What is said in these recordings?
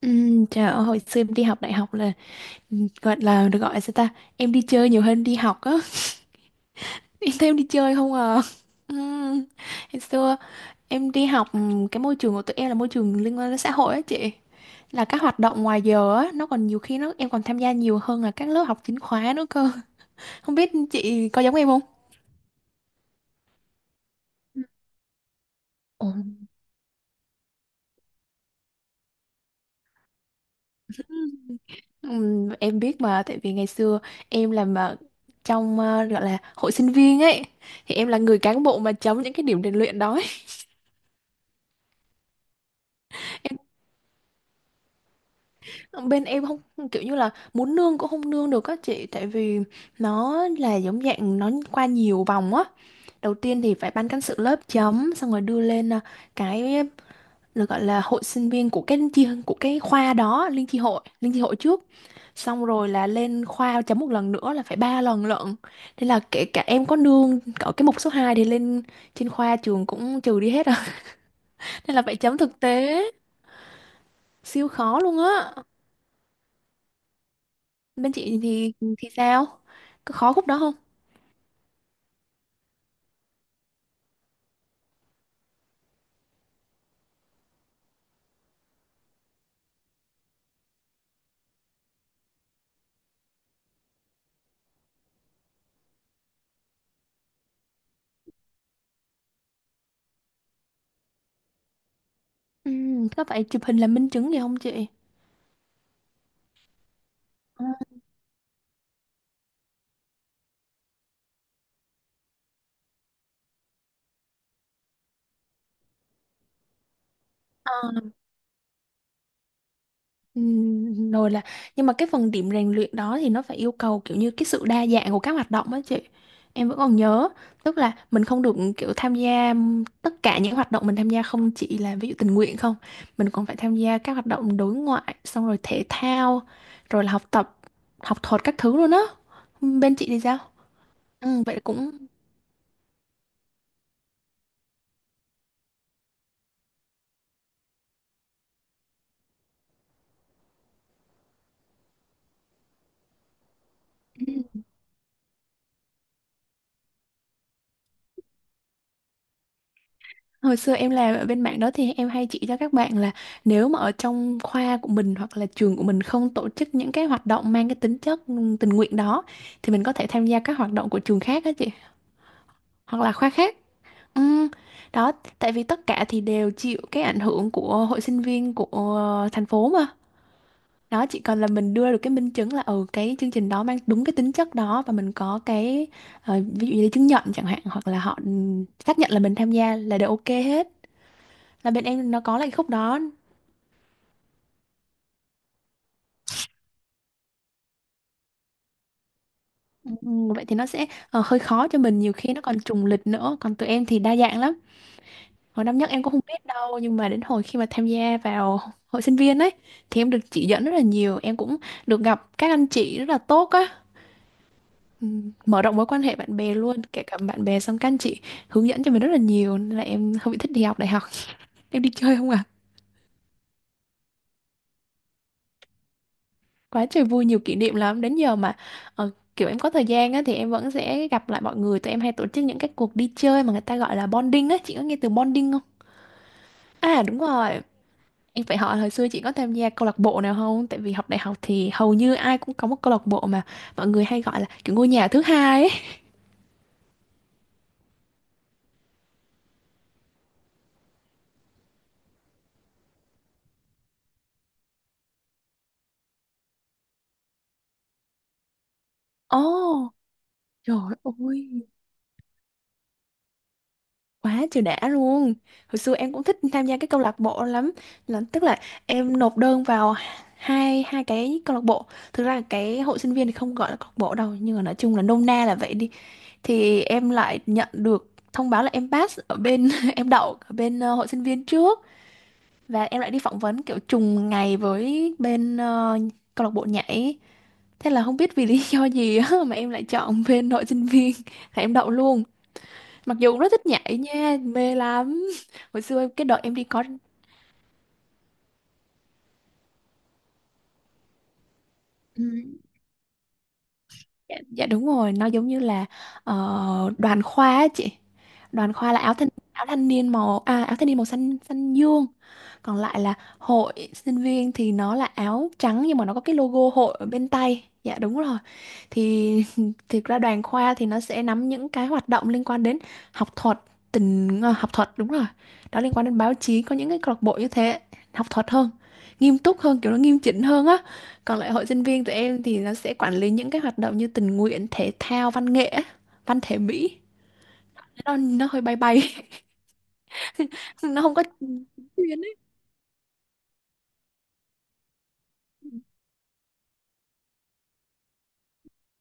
Trời ơi, hồi xưa em đi học đại học là gọi là được gọi sao ta, em đi chơi nhiều hơn đi học á. Em thấy em đi chơi không à? Ừm, Hồi xưa em đi học, cái môi trường của tụi em là môi trường liên quan đến xã hội á chị, là các hoạt động ngoài giờ á nó còn nhiều khi nó em còn tham gia nhiều hơn là các lớp học chính khóa nữa cơ. Không biết chị có giống em không? Ừ. Ồ. Ừm, em biết mà, tại vì ngày xưa em làm ở trong gọi là hội sinh viên ấy, thì em là người cán bộ mà chống những cái điểm rèn luyện đó ấy. Em, ờ, bên em không kiểu như là muốn nương cũng không nương được các chị, tại vì nó là giống dạng nó qua nhiều vòng á. Đầu tiên thì phải ban cán sự lớp chấm xong rồi đưa lên cái là gọi là hội sinh viên của cái chi của cái khoa đó, liên chi hội trước, xong rồi là lên khoa chấm một lần nữa là phải 3 lần lận. Thế là kể cả em có nương ở cái mục số 2 thì lên trên khoa trường cũng trừ đi hết rồi, nên là phải chấm thực tế, siêu khó luôn á. Bên chị thì sao, có khó khúc đó không? Ừ, có phải chụp hình làm minh chứng gì không chị? Ờ. Rồi là nhưng mà cái phần điểm rèn luyện đó thì nó phải yêu cầu kiểu như cái sự đa dạng của các hoạt động á chị. Em vẫn còn nhớ, tức là mình không được kiểu tham gia tất cả những hoạt động mình tham gia không chỉ là ví dụ tình nguyện không, mình còn phải tham gia các hoạt động đối ngoại, xong rồi thể thao, rồi là học tập, học thuật các thứ luôn á. Bên chị thì sao? Ừ, vậy cũng. Hồi xưa em làm ở bên mảng đó thì em hay chỉ cho các bạn là, nếu mà ở trong khoa của mình hoặc là trường của mình không tổ chức những cái hoạt động mang cái tính chất tình nguyện đó, thì mình có thể tham gia các hoạt động của trường khác á chị, hoặc là khoa khác. Ừm. Đó, tại vì tất cả thì đều chịu cái ảnh hưởng của hội sinh viên của thành phố mà. Đó, chỉ cần là mình đưa được cái minh chứng là ừ cái chương trình đó mang đúng cái tính chất đó và mình có cái ví dụ như là chứng nhận chẳng hạn, hoặc là họ xác nhận là mình tham gia là đều ok hết, là bên em nó có lại khúc đó. Ừ. Ừ, vậy thì nó sẽ hơi khó cho mình, nhiều khi nó còn trùng lịch nữa, còn tụi em thì đa dạng lắm. Hồi năm nhất em cũng không biết đâu nhưng mà đến hồi khi mà tham gia vào hội sinh viên ấy, thì em được chỉ dẫn rất là nhiều, em cũng được gặp các anh chị rất là tốt á. Ừ, mở rộng mối quan hệ bạn bè luôn, kể cả bạn bè xong các anh chị hướng dẫn cho mình rất là nhiều, nên là em không bị thích đi học đại học. Em đi chơi không à? Quá trời vui, nhiều kỷ niệm lắm đến giờ mà. ờ, Kiểu em có thời gian á, thì em vẫn sẽ gặp lại mọi người, tụi em hay tổ chức những cái cuộc đi chơi mà người ta gọi là bonding á, chị có nghe từ bonding không? À đúng rồi, em phải hỏi hồi xưa chị có tham gia câu lạc bộ nào không, tại vì học đại học thì hầu như ai cũng có một câu lạc bộ mà mọi người hay gọi là kiểu ngôi nhà thứ hai ấy. Ồ, trời ơi, quá trời đã luôn. Hồi xưa em cũng thích tham gia cái câu lạc bộ lắm, là tức là em nộp đơn vào hai hai cái câu lạc bộ. Thực ra cái hội sinh viên thì không gọi là câu lạc bộ đâu nhưng mà nói chung là nôm na là vậy đi. Thì em lại nhận được thông báo là em pass ở bên, em đậu ở bên hội sinh viên trước. Và em lại đi phỏng vấn kiểu trùng ngày với bên câu lạc bộ nhảy. Thế là không biết vì lý do gì á mà em lại chọn bên hội sinh viên, là em đậu luôn. Mặc dù cũng rất thích nhảy nha, mê lắm. Cái đợt em đi có. Ừ. Dạ, dạ đúng rồi, nó giống như là đoàn khoa á chị. Đoàn khoa là áo thanh niên màu, à, áo thanh niên màu xanh xanh dương. Còn lại là hội sinh viên thì nó là áo trắng nhưng mà nó có cái logo hội ở bên tay. Dạ đúng rồi. Thì thực ra đoàn khoa thì nó sẽ nắm những cái hoạt động liên quan đến học thuật, học thuật đúng rồi. Đó, liên quan đến báo chí, có những cái câu lạc bộ như thế, học thuật hơn, nghiêm túc hơn, kiểu nó nghiêm chỉnh hơn á. Còn lại hội sinh viên tụi em thì nó sẽ quản lý những cái hoạt động như tình nguyện, thể thao, văn nghệ, á, văn thể mỹ. Nó hơi bay bay, nó không có chuyên ấy.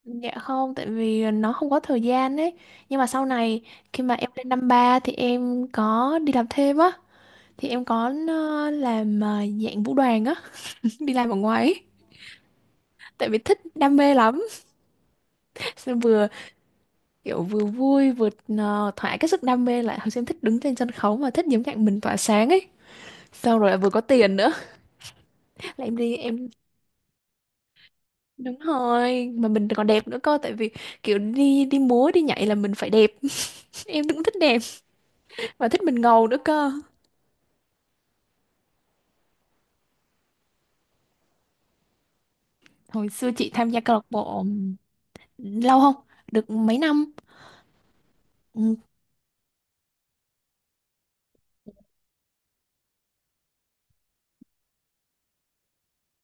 Dạ không, tại vì nó không có thời gian ấy. Nhưng mà sau này khi mà em lên năm ba thì em có đi làm thêm á. Thì em có làm dạng vũ đoàn á, đi làm ở ngoài ấy. Tại vì thích đam mê lắm. Xong vừa kiểu vừa vui vừa thỏa cái sức đam mê lại. Hồi xưa em thích đứng trên sân khấu mà thích những cạnh mình tỏa sáng ấy. Xong rồi lại vừa có tiền nữa. Là em đi em. Đúng rồi, mà mình còn đẹp nữa cơ, tại vì kiểu đi đi múa đi nhảy là mình phải đẹp. Em cũng thích đẹp và thích mình ngầu nữa cơ. Hồi xưa chị tham gia câu lạc bộ lâu không, được mấy năm. Ừ,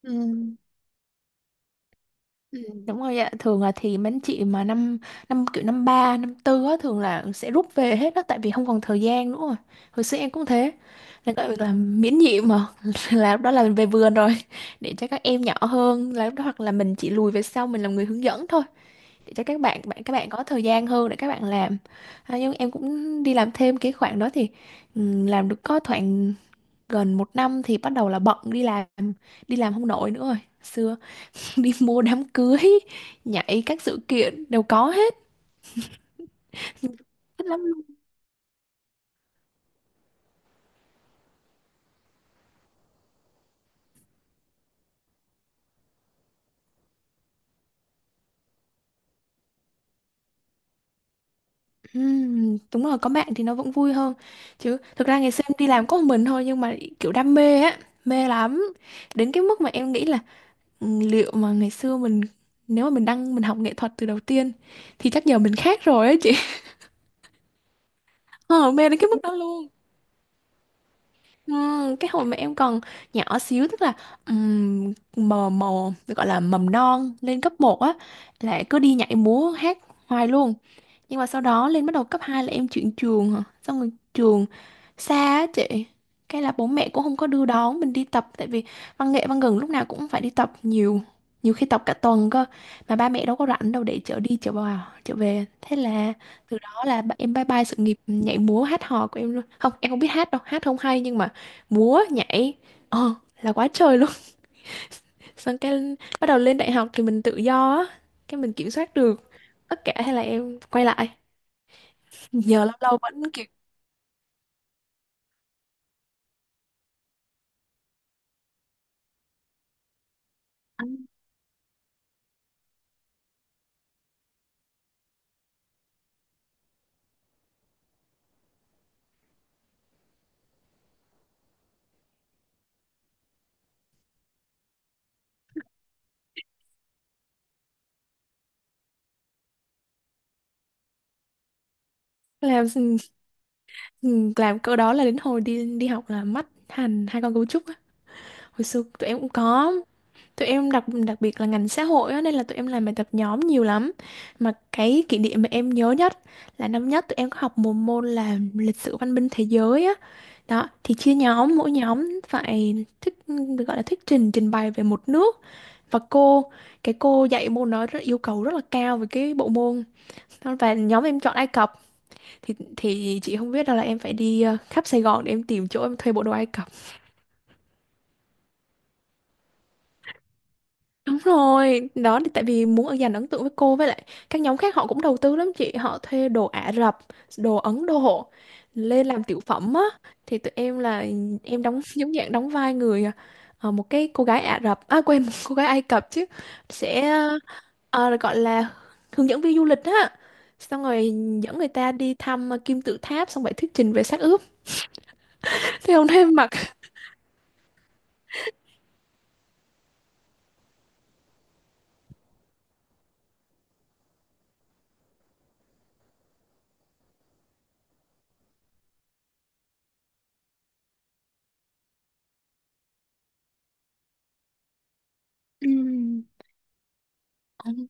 ừ, ừ, đúng rồi ạ, thường là thì mấy anh chị mà năm năm kiểu năm ba năm tư á thường là sẽ rút về hết đó, tại vì không còn thời gian nữa rồi. Hồi xưa em cũng thế, nên gọi là miễn nhiệm mà, là lúc đó là mình về vườn rồi, để cho các em nhỏ hơn là lúc đó, hoặc là mình chỉ lùi về sau mình làm người hướng dẫn thôi, để cho các bạn có thời gian hơn để các bạn làm. À, nhưng em cũng đi làm thêm cái khoảng đó thì ừ, làm được có khoảng gần một năm thì bắt đầu là bận đi làm, đi làm không nổi nữa rồi. Xưa đi mua đám cưới, nhảy các sự kiện đều có hết. Thích lắm luôn. Đúng rồi, có bạn thì nó vẫn vui hơn, chứ thực ra ngày xưa em đi làm có một mình thôi nhưng mà kiểu đam mê á, mê lắm, đến cái mức mà em nghĩ là ừ, liệu mà ngày xưa mình, nếu mà mình học nghệ thuật từ đầu tiên thì chắc giờ mình khác rồi á chị. Ờ, mê đến cái mức đó luôn. Cái hồi mà em còn nhỏ xíu tức là mờ mờ gọi là mầm non lên cấp một á, là cứ đi nhảy múa hát hoài luôn. Nhưng mà sau đó lên bắt đầu cấp 2 là em chuyển trường hả? Xong rồi trường xa á chị. Cái là bố mẹ cũng không có đưa đón mình đi tập tại vì văn nghệ gần lúc nào cũng phải đi tập nhiều. Nhiều khi tập cả tuần cơ, mà ba mẹ đâu có rảnh đâu để chở đi chở vào chở về. Thế là từ đó là em bye bye sự nghiệp nhảy múa hát hò của em luôn. Không, em không biết hát đâu, hát không hay nhưng mà múa nhảy ờ là quá trời luôn. Xong cái bắt đầu lên đại học thì mình tự do á, cái mình kiểm soát được tất cả, hay là em quay lại, giờ lâu lâu vẫn kiểu. Anh làm câu đó là đến hồi đi đi học là mắt hành hai con cấu trúc á. Hồi xưa tụi em cũng có, tụi em đặc đặc biệt là ngành xã hội á, nên là tụi em làm bài tập nhóm nhiều lắm. Mà cái kỷ niệm mà em nhớ nhất là năm nhất tụi em có học một môn là lịch sử văn minh thế giới á. Đó thì chia nhóm mỗi nhóm phải thuyết được gọi là thuyết trình trình bày về một nước. Và cô, cái cô dạy môn đó rất yêu cầu rất là cao về cái bộ môn. Và nhóm em chọn Ai Cập. Thì chị không biết đâu là em phải đi khắp Sài Gòn để em tìm chỗ em thuê bộ đồ Ai Cập. Đúng rồi đó, thì tại vì muốn ở dành ấn tượng với cô, với lại các nhóm khác họ cũng đầu tư lắm chị, họ thuê đồ Ả Rập, đồ Ấn Độ lên làm tiểu phẩm á. Thì tụi em là em đóng giống dạng đóng vai người một cái cô gái Ả Rập, à quên, một cô gái Ai Cập chứ, sẽ gọi là hướng dẫn viên du lịch á, xong rồi dẫn người ta đi thăm kim tự tháp, xong rồi thuyết trình về xác ướp. Thế hôm nay em mặc. Ừ. Ừ,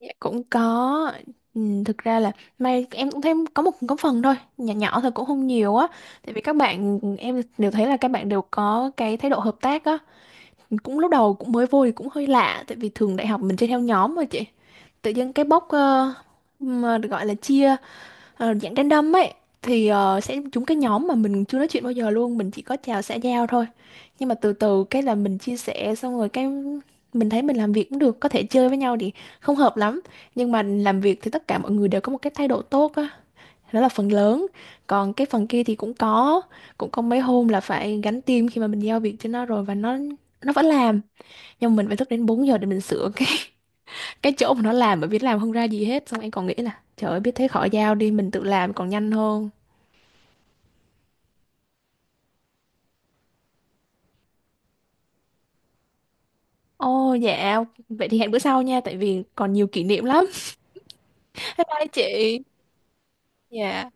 dạ, cũng có ừ, thực ra là may em cũng thấy có một có phần thôi nhỏ nhỏ thôi cũng không nhiều á, tại vì các bạn em đều thấy là các bạn đều có cái thái độ hợp tác á. Cũng lúc đầu cũng mới vô thì cũng hơi lạ, tại vì thường đại học mình chơi theo nhóm mà chị, tự nhiên cái bốc mà được gọi là chia, dạng random ấy thì sẽ trúng cái nhóm mà mình chưa nói chuyện bao giờ luôn, mình chỉ có chào xã giao thôi. Nhưng mà từ từ cái là mình chia sẻ xong rồi cái mình thấy mình làm việc cũng được, có thể chơi với nhau thì không hợp lắm, nhưng mà làm việc thì tất cả mọi người đều có một cái thái độ tốt á, đó là phần lớn. Còn cái phần kia thì cũng có, cũng có mấy hôm là phải gánh team khi mà mình giao việc cho nó rồi và nó vẫn làm, nhưng mà mình phải thức đến 4 giờ để mình sửa cái, cái chỗ mà nó làm bởi vì nó làm không ra gì hết, xong em còn nghĩ là trời ơi biết thế khỏi giao đi mình tự làm còn nhanh hơn. Ồ dạ, vậy thì hẹn bữa sau nha, tại vì còn nhiều kỷ niệm lắm. Bye bye chị. Dạ.